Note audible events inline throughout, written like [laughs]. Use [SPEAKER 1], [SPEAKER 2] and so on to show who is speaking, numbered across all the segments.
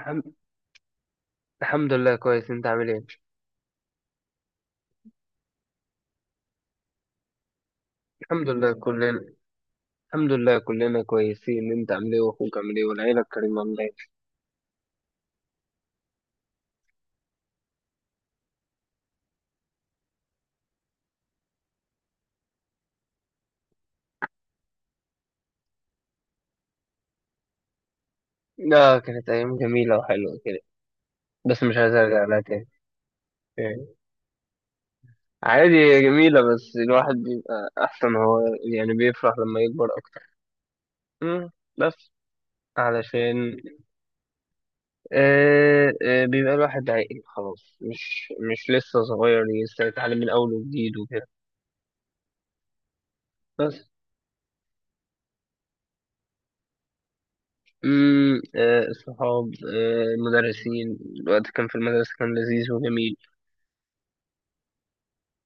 [SPEAKER 1] الحمد الحمد لله. كويس، انت عامل ايه؟ الحمد لله كلنا الحمد لله كلنا كويسين. انت عامل ايه؟ واخوك عامل ايه؟ والعيله الكريمه عامله ايه؟ لا، كانت ايام جميله وحلوه كده، بس مش عايز ارجع لها تاني. يعني عادي، هي جميله بس الواحد بيبقى احسن، هو يعني بيفرح لما يكبر اكتر. امم، بس علشان. آه، آه، بيبقى الواحد عاقل خلاص، مش لسه صغير، لسه يتعلم من اول وجديد وكده. بس. الصحاب، المدرسين. الوقت كان في المدرسة كان لذيذ وجميل.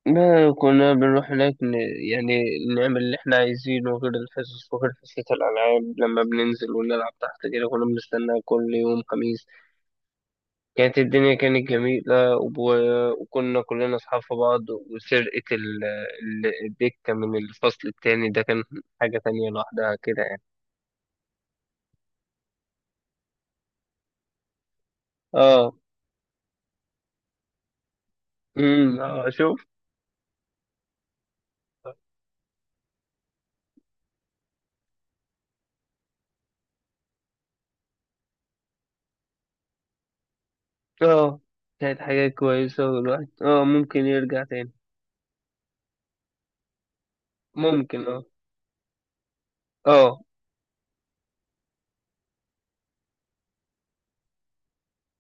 [SPEAKER 1] ما كنا بنروح هناك يعني نعمل اللي احنا عايزينه، غير الحصص وغير حصة الألعاب لما بننزل ونلعب تحت كده. كنا بنستنى كل يوم خميس. كانت الدنيا كانت جميلة وكنا كلنا أصحاب في بعض. وسرقة الدكة من الفصل التاني ده كان حاجة تانية لوحدها كده يعني. اه. اه، شوف. اه، كانت حاجة كويسة، والواحد ممكن يرجع تاني. ممكن اه. اه،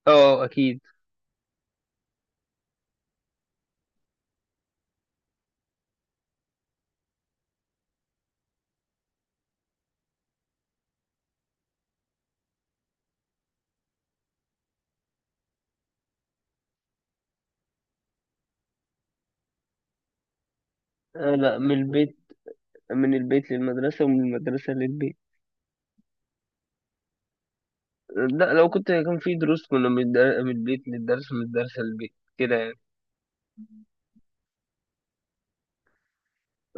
[SPEAKER 1] اه، اكيد. آه، لا، من البيت. من البيت للمدرسة ومن المدرسة للبيت. لا، لو كنت كان في دروس، كنا من البيت للدرس ومن الدرس للبيت كده يعني.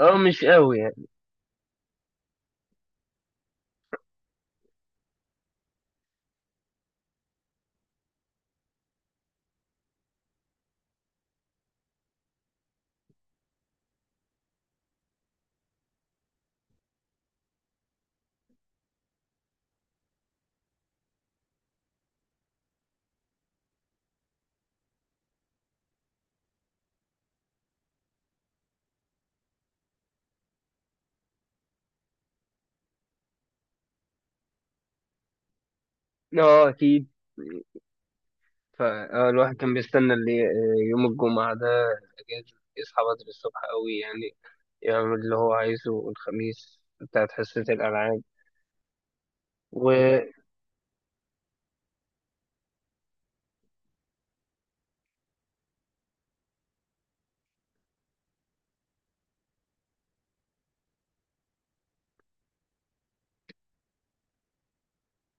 [SPEAKER 1] اه، مش قوي يعني. اه، اكيد. فالواحد كان بيستنى اللي، يوم الجمعة ده أجازة، يصحى بدري الصبح قوي يعني، يعمل اللي هو عايزه الخميس بتاعت حصة الألعاب.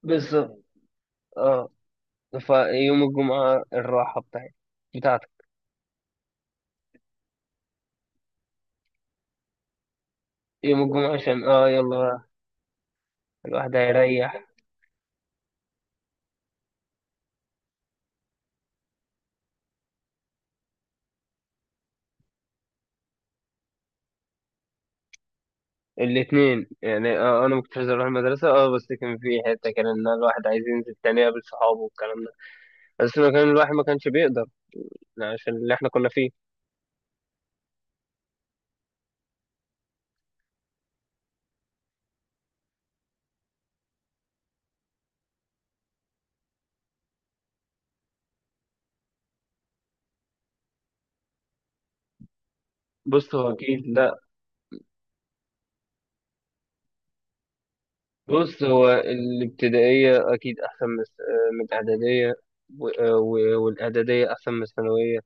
[SPEAKER 1] وبالظبط، اه. فيوم الجمعة الراحة بتاعتي بتاعتك. يوم الجمعة عشان يلا الواحد هيريح. الاتنين يعني. اه، انا ما كنتش عايز اروح المدرسة، اه، بس كان في حتة كان ان الواحد عايز ينزل تاني يقابل صحابه والكلام ده. بس ما كان الواحد ما كانش بيقدر يعني، عشان اللي احنا كنا فيه. بص، هو اكيد لا. بص، هو الابتدائية اكيد احسن من الاعدادية. والاعدادية احسن من الثانوية.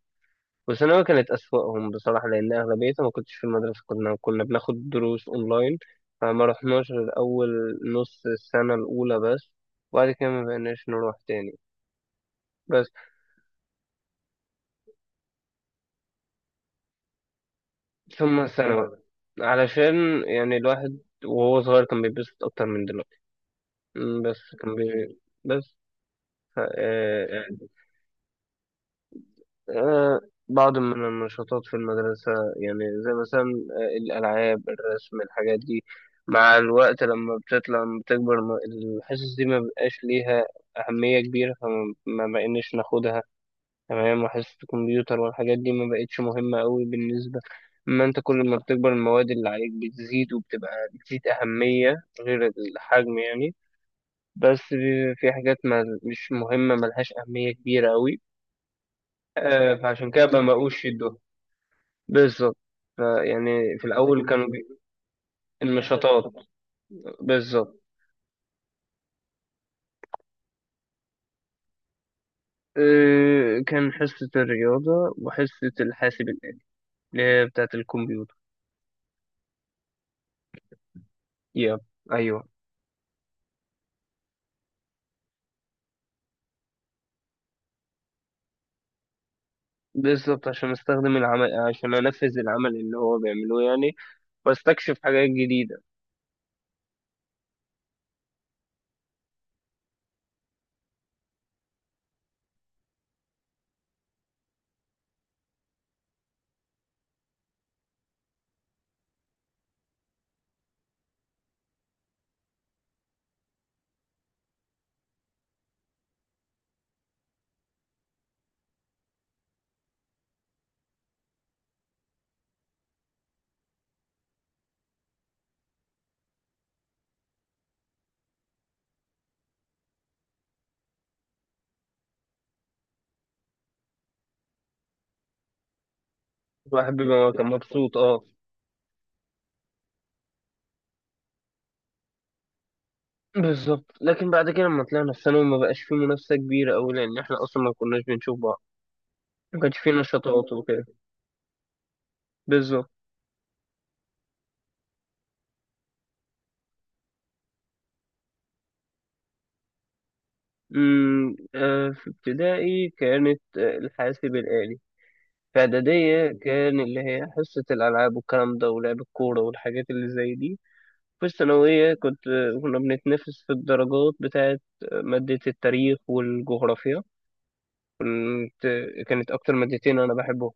[SPEAKER 1] وثانوي كانت أسوأهم بصراحة، لأن أغلبيتها ما كنتش في المدرسة. كنا بناخد دروس أونلاين. فما رحناش غير أول نص السنة الأولى بس، وبعد كده ما بقيناش نروح تاني. بس. ثم الثانوي، علشان يعني الواحد وهو صغير كان بيتبسط أكتر من دلوقتي. بس كان بس ف... آه، آه، بعض من النشاطات في المدرسة، يعني زي مثلا الألعاب، الرسم، الحاجات دي. مع الوقت لما بتطلع لما بتكبر الحصص دي ما بقاش ليها أهمية كبيرة، فما ما بقيناش ناخدها. تمام. وحصص الكمبيوتر والحاجات دي ما بقتش مهمة أوي بالنسبة. أما أنت كل ما بتكبر المواد اللي عليك بتزيد، وبتبقى بتزيد أهمية غير الحجم يعني. بس في حاجات ما مش مهمة، ملهاش أهمية كبيرة أوي. فعشان كده ما بقوش يدوها. بالظبط. فيعني في الأول [laughs] النشاطات. بالظبط. كان حصة الرياضة وحصة الحاسب الآلي اللي هي بتاعة الكمبيوتر. يا أيوه. بالظبط، عشان أستخدم العمل، عشان أنفذ العمل اللي هو بيعمله يعني، وأستكشف حاجات جديدة. الواحد بيبقى كان مبسوط أه. بالظبط. لكن بعد كده لما طلعنا في ثانوي ما بقاش في منافسة كبيرة أوي، لأن إحنا أصلا ما كناش بنشوف بعض. ما كانش في نشاطات وكده. بالظبط. في ابتدائي كانت الحاسب الآلي. في إعدادية كان اللي هي حصة الألعاب والكلام ده، ولعب الكورة والحاجات اللي زي دي. في الثانوية كنت كنا بنتنافس في الدرجات بتاعة مادة التاريخ والجغرافيا. كنت كانت أكتر مادتين أنا بحبهم.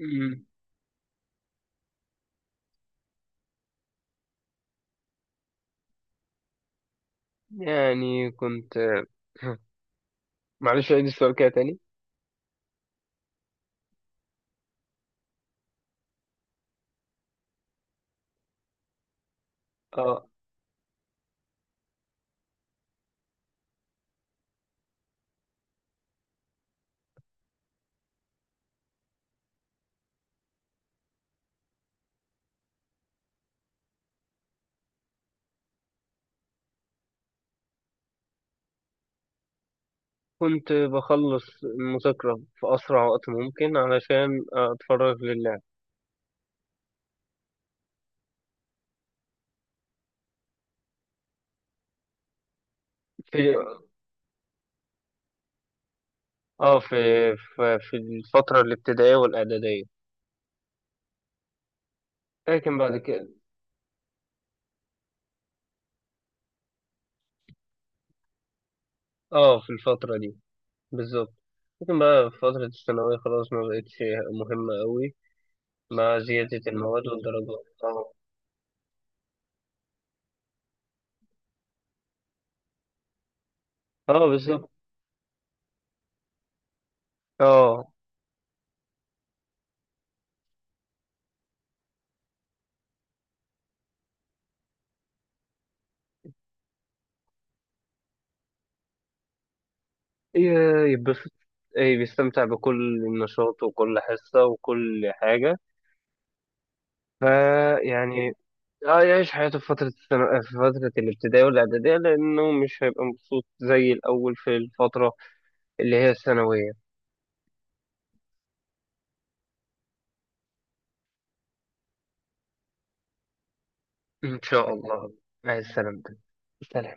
[SPEAKER 1] أمم، يعني كنت [clears throat] [laughs] معلش، عيد السؤال كده تاني. اه، كنت بخلص المذاكرة في أسرع وقت ممكن علشان أتفرغ لله. في اه في في في الفترة الابتدائية والإعدادية. لكن بعد كده. اه، في الفترة دي. بالظبط. لكن بقى في فترة الثانوية خلاص ما بقتش مهمة قوي، مع زيادة المواد والدرجات. اه. اه، بالظبط. اه، يتبسط، ايه، بيستمتع بكل نشاط وكل حصة وكل حاجة. فيعني اه، يعيش حياته في فترة في فترة الابتدائية والإعدادية، لأنه مش هيبقى مبسوط زي الأول في الفترة اللي هي الثانوية. إن شاء الله. مع السلامة. سلام.